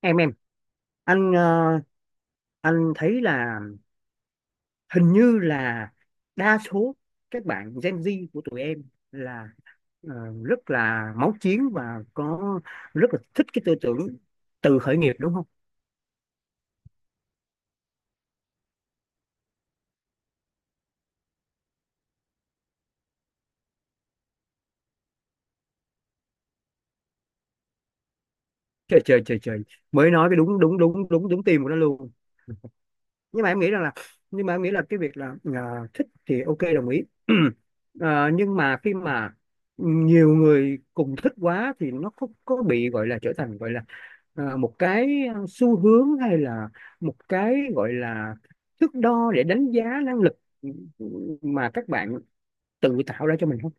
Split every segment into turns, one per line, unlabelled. Em, anh ờ, anh thấy là hình như là đa số các bạn Gen Z của tụi em là ờ, rất là máu chiến và có rất là thích cái tư tưởng tự khởi nghiệp, đúng không? Trời trời trời trời, mới nói cái đúng đúng đúng đúng đúng tim của nó luôn. nhưng mà em nghĩ rằng là nhưng mà em nghĩ là cái việc là thích thì OK, đồng ý. Nhưng mà khi mà nhiều người cùng thích quá thì nó có bị gọi là, trở thành gọi là một cái xu hướng, hay là một cái gọi là thước đo để đánh giá năng lực mà các bạn tự tạo ra cho mình không?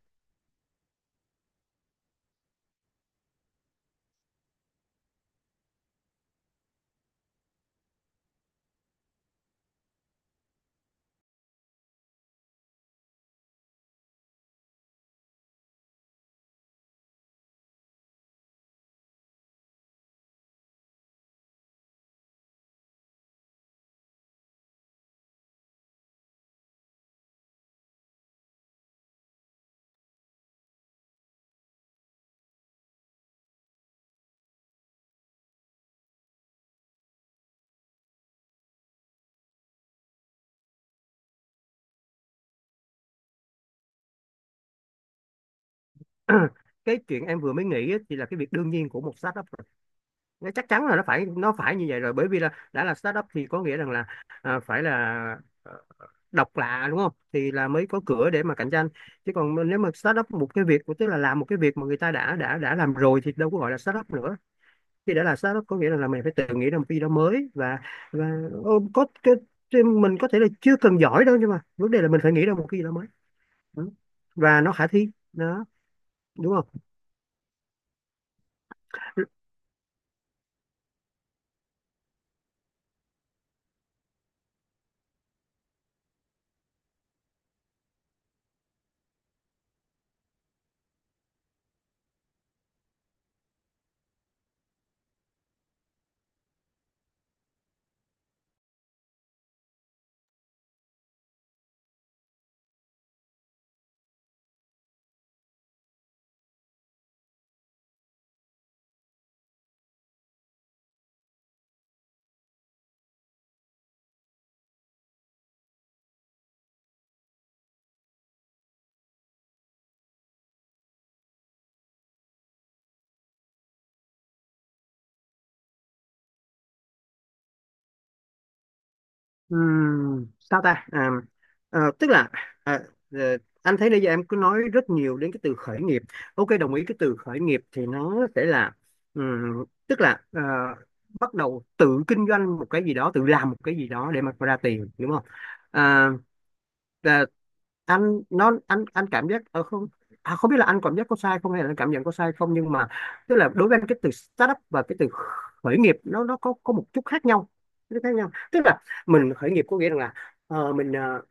Cái chuyện em vừa mới nghĩ á, thì là cái việc đương nhiên của một startup rồi. Nó chắc chắn là nó phải, nó phải như vậy rồi, bởi vì là đã là startup thì có nghĩa rằng là phải là độc lạ, đúng không, thì là mới có cửa để mà cạnh tranh. Chứ còn nếu mà start up một cái việc, tức là làm một cái việc mà người ta đã đã làm rồi thì đâu có gọi là start up nữa. Khi đã là start up có nghĩa là mình phải tự nghĩ ra một cái gì đó mới, và ô, có cái- mình có thể là chưa cần giỏi đâu, nhưng mà vấn đề là mình phải nghĩ ra một cái gì đó mới. Ừ. Và nó khả thi đó, đúng không? Sao ta à, ờ, tức là à, ờ, Anh thấy bây giờ em cứ nói rất nhiều đến cái từ khởi nghiệp. OK, đồng ý. Cái từ khởi nghiệp thì nó sẽ là ừm, tức là ờ, bắt đầu tự kinh doanh một cái gì đó, tự làm một cái gì đó để mà ra tiền, đúng không? À, anh nó anh anh cảm giác không biết là anh cảm giác có sai không, hay là anh cảm nhận có sai không, nhưng mà tức là đối với anh, cái từ startup và cái từ khởi nghiệp nó có một chút khác nhau. Nó khác nhau, tức là mình khởi nghiệp có nghĩa rằng là mình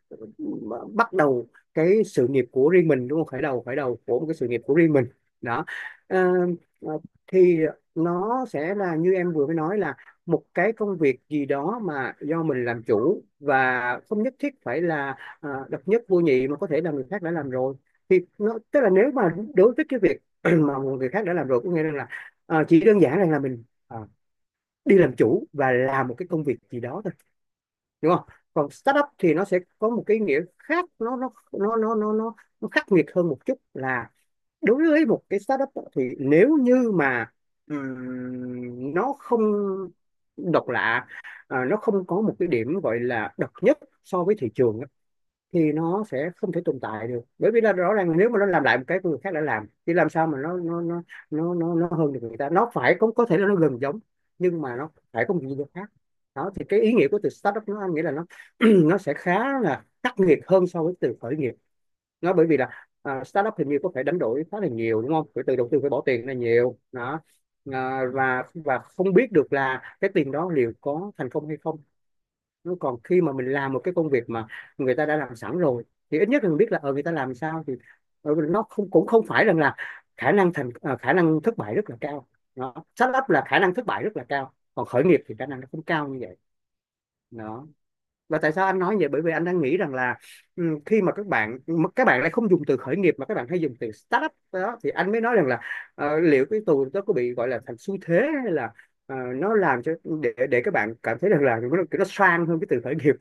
bắt đầu cái sự nghiệp của riêng mình, đúng không, khởi đầu, khởi đầu của một cái sự nghiệp của riêng mình đó. Ờ, ờ, thì nó sẽ là như em vừa mới nói, là một cái công việc gì đó mà do mình làm chủ, và không nhất thiết phải là độc nhất vô nhị, mà có thể là người khác đã làm rồi. Thì nó tức là, nếu mà đối với cái việc mà người khác đã làm rồi, có nghĩa là chỉ đơn giản rằng là mình đi làm chủ và làm một cái công việc gì đó thôi, đúng không? Còn startup thì nó sẽ có một cái nghĩa khác, nó khắc nghiệt hơn một chút. Là đối với một cái startup á, thì nếu như mà nó không độc lạ, nó không có một cái điểm gọi là độc nhất so với thị trường, thì nó sẽ không thể tồn tại được, bởi vì là rõ ràng là nếu mà nó làm lại một cái người khác đã làm thì làm sao mà nó hơn được người ta. Nó phải có thể là nó gần giống, nhưng mà nó phải có một gì đó khác. Đó thì cái ý nghĩa của từ startup, nó anh nghĩ là nó nó sẽ khá là khắc nghiệt hơn so với từ khởi nghiệp. Nó bởi vì là startup hình như có phải đánh đổi khá là nhiều, đúng không, phải từ đầu tư, phải bỏ tiền ra nhiều đó. Và không biết được là cái tiền đó liệu có thành công hay không. Nó còn khi mà mình làm một cái công việc mà người ta đã làm sẵn rồi, thì ít nhất là mình biết là người ta làm sao, thì nó không, cũng không phải rằng là khả năng khả năng thất bại rất là cao. Đó. Startup là khả năng thất bại rất là cao, còn khởi nghiệp thì khả năng nó không cao như vậy đó. Và tại sao anh nói vậy, bởi vì anh đang nghĩ rằng là khi mà các bạn lại không dùng từ khởi nghiệp mà các bạn hay dùng từ startup đó, thì anh mới nói rằng là liệu cái từ đó có bị gọi là thành xu thế, hay là nó làm cho, để các bạn cảm thấy rằng là nó sang hơn cái từ khởi nghiệp.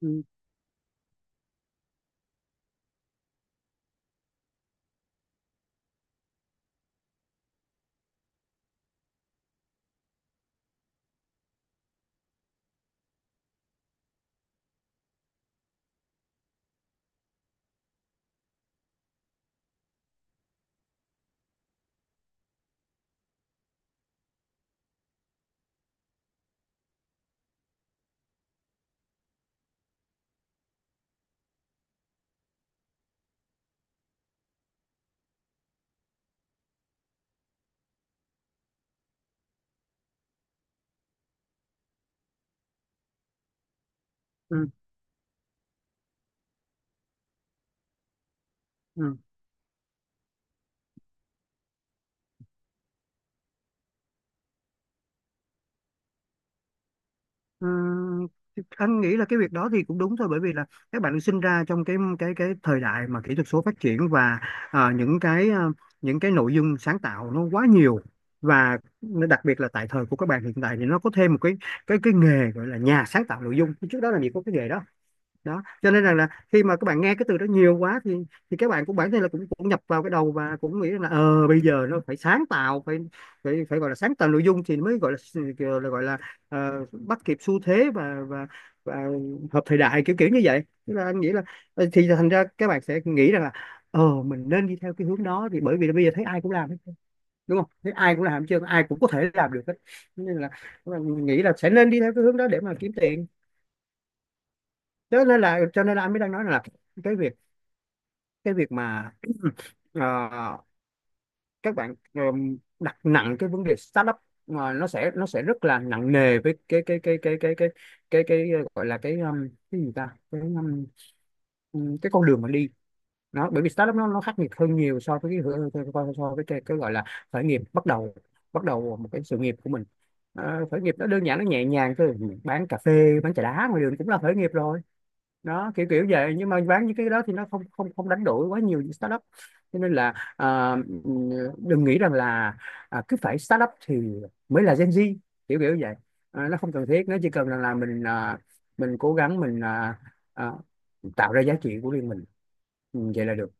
Ừ, ừ, ừ. Ừ, anh nghĩ là cái việc đó thì cũng đúng thôi, bởi vì là các bạn được sinh ra trong cái thời đại mà kỹ thuật số phát triển, và à, những cái à, những cái nội dung sáng tạo nó quá nhiều. Và nó đặc biệt là tại thời của các bạn hiện tại, thì nó có thêm một cái cái nghề gọi là nhà sáng tạo nội dung, trước đó làm gì có cái nghề đó. Đó cho nên rằng là khi mà các bạn nghe cái từ đó nhiều quá thì các bạn cũng, bản thân là cũng cũng nhập vào cái đầu, và cũng nghĩ là bây giờ nó phải sáng tạo, phải phải phải gọi là sáng tạo nội dung thì mới gọi là, gọi là bắt kịp xu thế, và và hợp thời đại, kiểu kiểu như vậy. Tức là anh nghĩ là thì thành ra các bạn sẽ nghĩ rằng là mình nên đi theo cái hướng đó, thì bởi vì là bây giờ thấy ai cũng làm hết, đúng không, thấy ai cũng làm, chứ ai cũng có thể làm được hết. Cho nên là nghĩ là sẽ nên đi theo cái hướng đó để mà kiếm tiền. Đó nên là, cho nên là anh mới đang nói là cái việc, cái việc mà ờ, các bạn đặt nặng cái vấn đề startup, mà nó sẽ, nó sẽ rất là nặng nề với cái ờ, gọi là cái gì ta cái con đường mà đi. Nó bởi vì startup nó khắc nghiệt hơn nhiều so với cái hửa- so so- so với cái gọi là khởi nghiệp, bắt đầu, bắt đầu một cái sự nghiệp của mình. Khởi nghiệp nó đơn giản, nó nhẹ nhàng thôi, bán cà phê bán trà đá ngoài đường cũng là khởi nghiệp rồi. Đó, kiểu kiểu vậy, nhưng mà bán những cái đó thì nó không không không đánh đổi quá nhiều những startup. Cho nên là đừng nghĩ rằng là cứ phải startup thì mới là Gen Z, kiểu kiểu vậy. Nó không cần thiết, nó chỉ cần rằng là mình, mình cố gắng mình à, tạo ra giá trị của riêng mình. Ừ, vậy là được.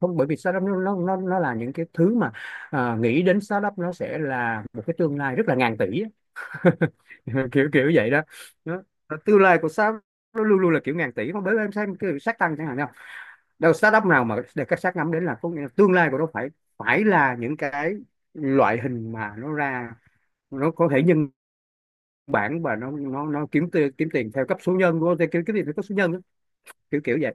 Không, bởi vì startup nó là những cái thứ mà nghĩ đến startup nó sẽ là một cái tương lai rất là ngàn tỷ. Kiểu kiểu vậy đó. đó Tương lai của startup nó luôn luôn là kiểu ngàn tỷ. Không, bởi vì em xem cái sát tăng chẳng hạn, nào đâu startup nào mà để các sát ngắm đến, là có nghĩa là tương lai của nó phải, phải là những cái loại hình mà nó ra, nó có thể nhân bản, và nó kiếm tiền, kiếm tiền theo cấp số nhân, của kiếm kiếm tiền theo cấp số nhân đó. Kiểu kiểu vậy.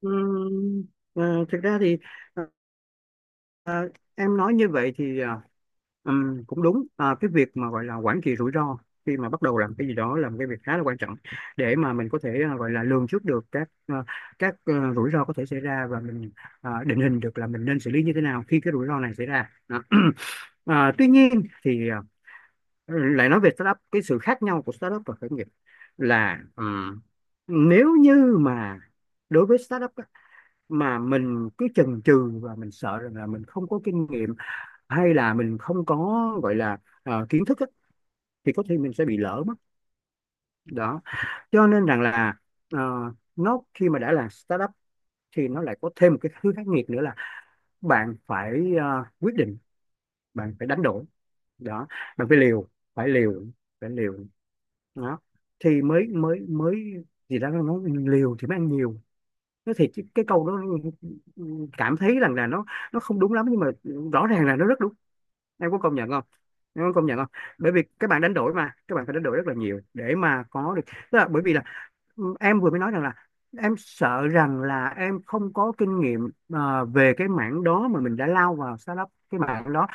Ừm, Thực ra thì Ờ, em nói như vậy thì cũng đúng. Ờ, cái việc mà gọi là quản trị rủi ro khi mà bắt đầu làm cái gì đó là một cái việc khá là quan trọng, để mà mình có thể gọi là lường trước được các rủi ro có thể xảy ra, và mình định hình được là mình nên xử lý như thế nào khi cái rủi ro này xảy ra. Đó. Tuy nhiên thì lại nói về startup, cái sự khác nhau của startup và khởi nghiệp là nếu như mà đối với startup á, mà mình cứ chần chừ và mình sợ rằng là mình không có kinh nghiệm, hay là mình không có gọi là kiến thức á, thì có thể mình sẽ bị lỡ mất. Đó cho nên rằng là ờ, nó khi mà đã là startup thì nó lại có thêm một cái thứ khắc nghiệt nữa, là bạn phải quyết định, bạn phải đánh đổi. Đó. Bạn phải liều, phải liều, phải liều. Đó thì mới mới mới gì đó nó nói, liều thì mới ăn nhiều. Nó thì cái câu đó, cảm thấy rằng là nó không đúng lắm, nhưng mà rõ ràng là nó rất đúng. Em có công nhận không? Em có công nhận không? Bởi vì các bạn đánh đổi, mà các bạn phải đánh đổi rất là nhiều để mà có được, tức là bởi vì là em vừa mới nói rằng là em sợ rằng là em không có kinh nghiệm về cái mảng đó, mà mình đã lao vào startup cái mảng đó.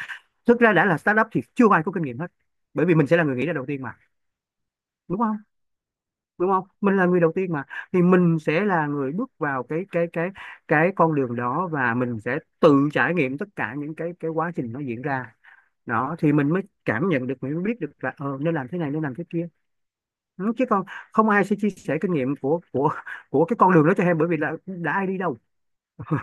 Thực ra đã là startup thì chưa ai có kinh nghiệm hết, bởi vì mình sẽ là người nghĩ ra đầu tiên mà, đúng không? Đúng không? Mình là người đầu tiên mà. Thì mình sẽ là người bước vào cái con đường đó, và mình sẽ tự trải nghiệm tất cả những cái quá trình nó diễn ra. Đó thì mình mới cảm nhận được, mình mới biết được là nên làm thế này nên làm thế kia. Ừ, chứ còn không ai sẽ chia sẻ kinh nghiệm của cái con đường đó cho em, bởi vì là đã ai đi đâu.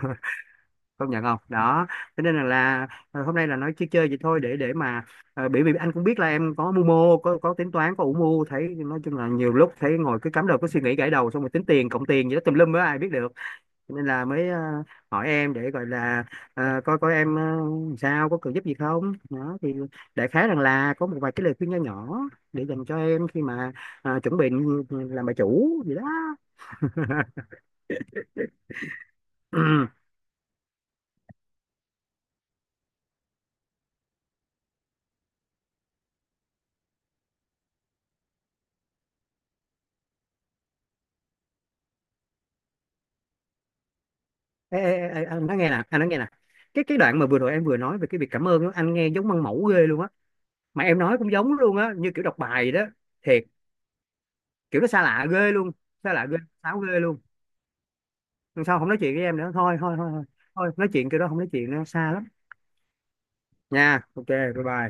Công nhận không đó. Cho nên là hôm nay là nói chơi chơi vậy thôi, để mà bởi vì anh cũng biết là em có mưu mô, có tính toán, có ủ mưu, thấy nói chung là nhiều lúc thấy ngồi cứ cắm đầu cứ suy nghĩ, gãi đầu xong rồi tính tiền cộng tiền gì đó tùm lum á, ai biết được. Cho nên là mới hỏi em, để gọi là coi coi em sao, có cần giúp gì không đó, thì đại khái rằng là có một vài cái lời khuyên nho nhỏ để dành cho em khi mà chuẩn bị làm bà chủ gì đó. Ê, ê, ê, ê, anh nói nghe nè, anh nói nghe nè, cái đoạn mà vừa rồi em vừa nói về cái việc cảm ơn đó, anh nghe giống măng mẫu ghê luôn á. Mà em nói cũng giống luôn á, như kiểu đọc bài vậy đó, thiệt. Kiểu nó xa lạ ghê luôn, xa lạ ghê, sáo ghê luôn. Lần sau không nói chuyện với em nữa, thôi thôi thôi thôi, thôi, nói chuyện kiểu đó không nói chuyện nữa, xa lắm nha. OK, bye bye.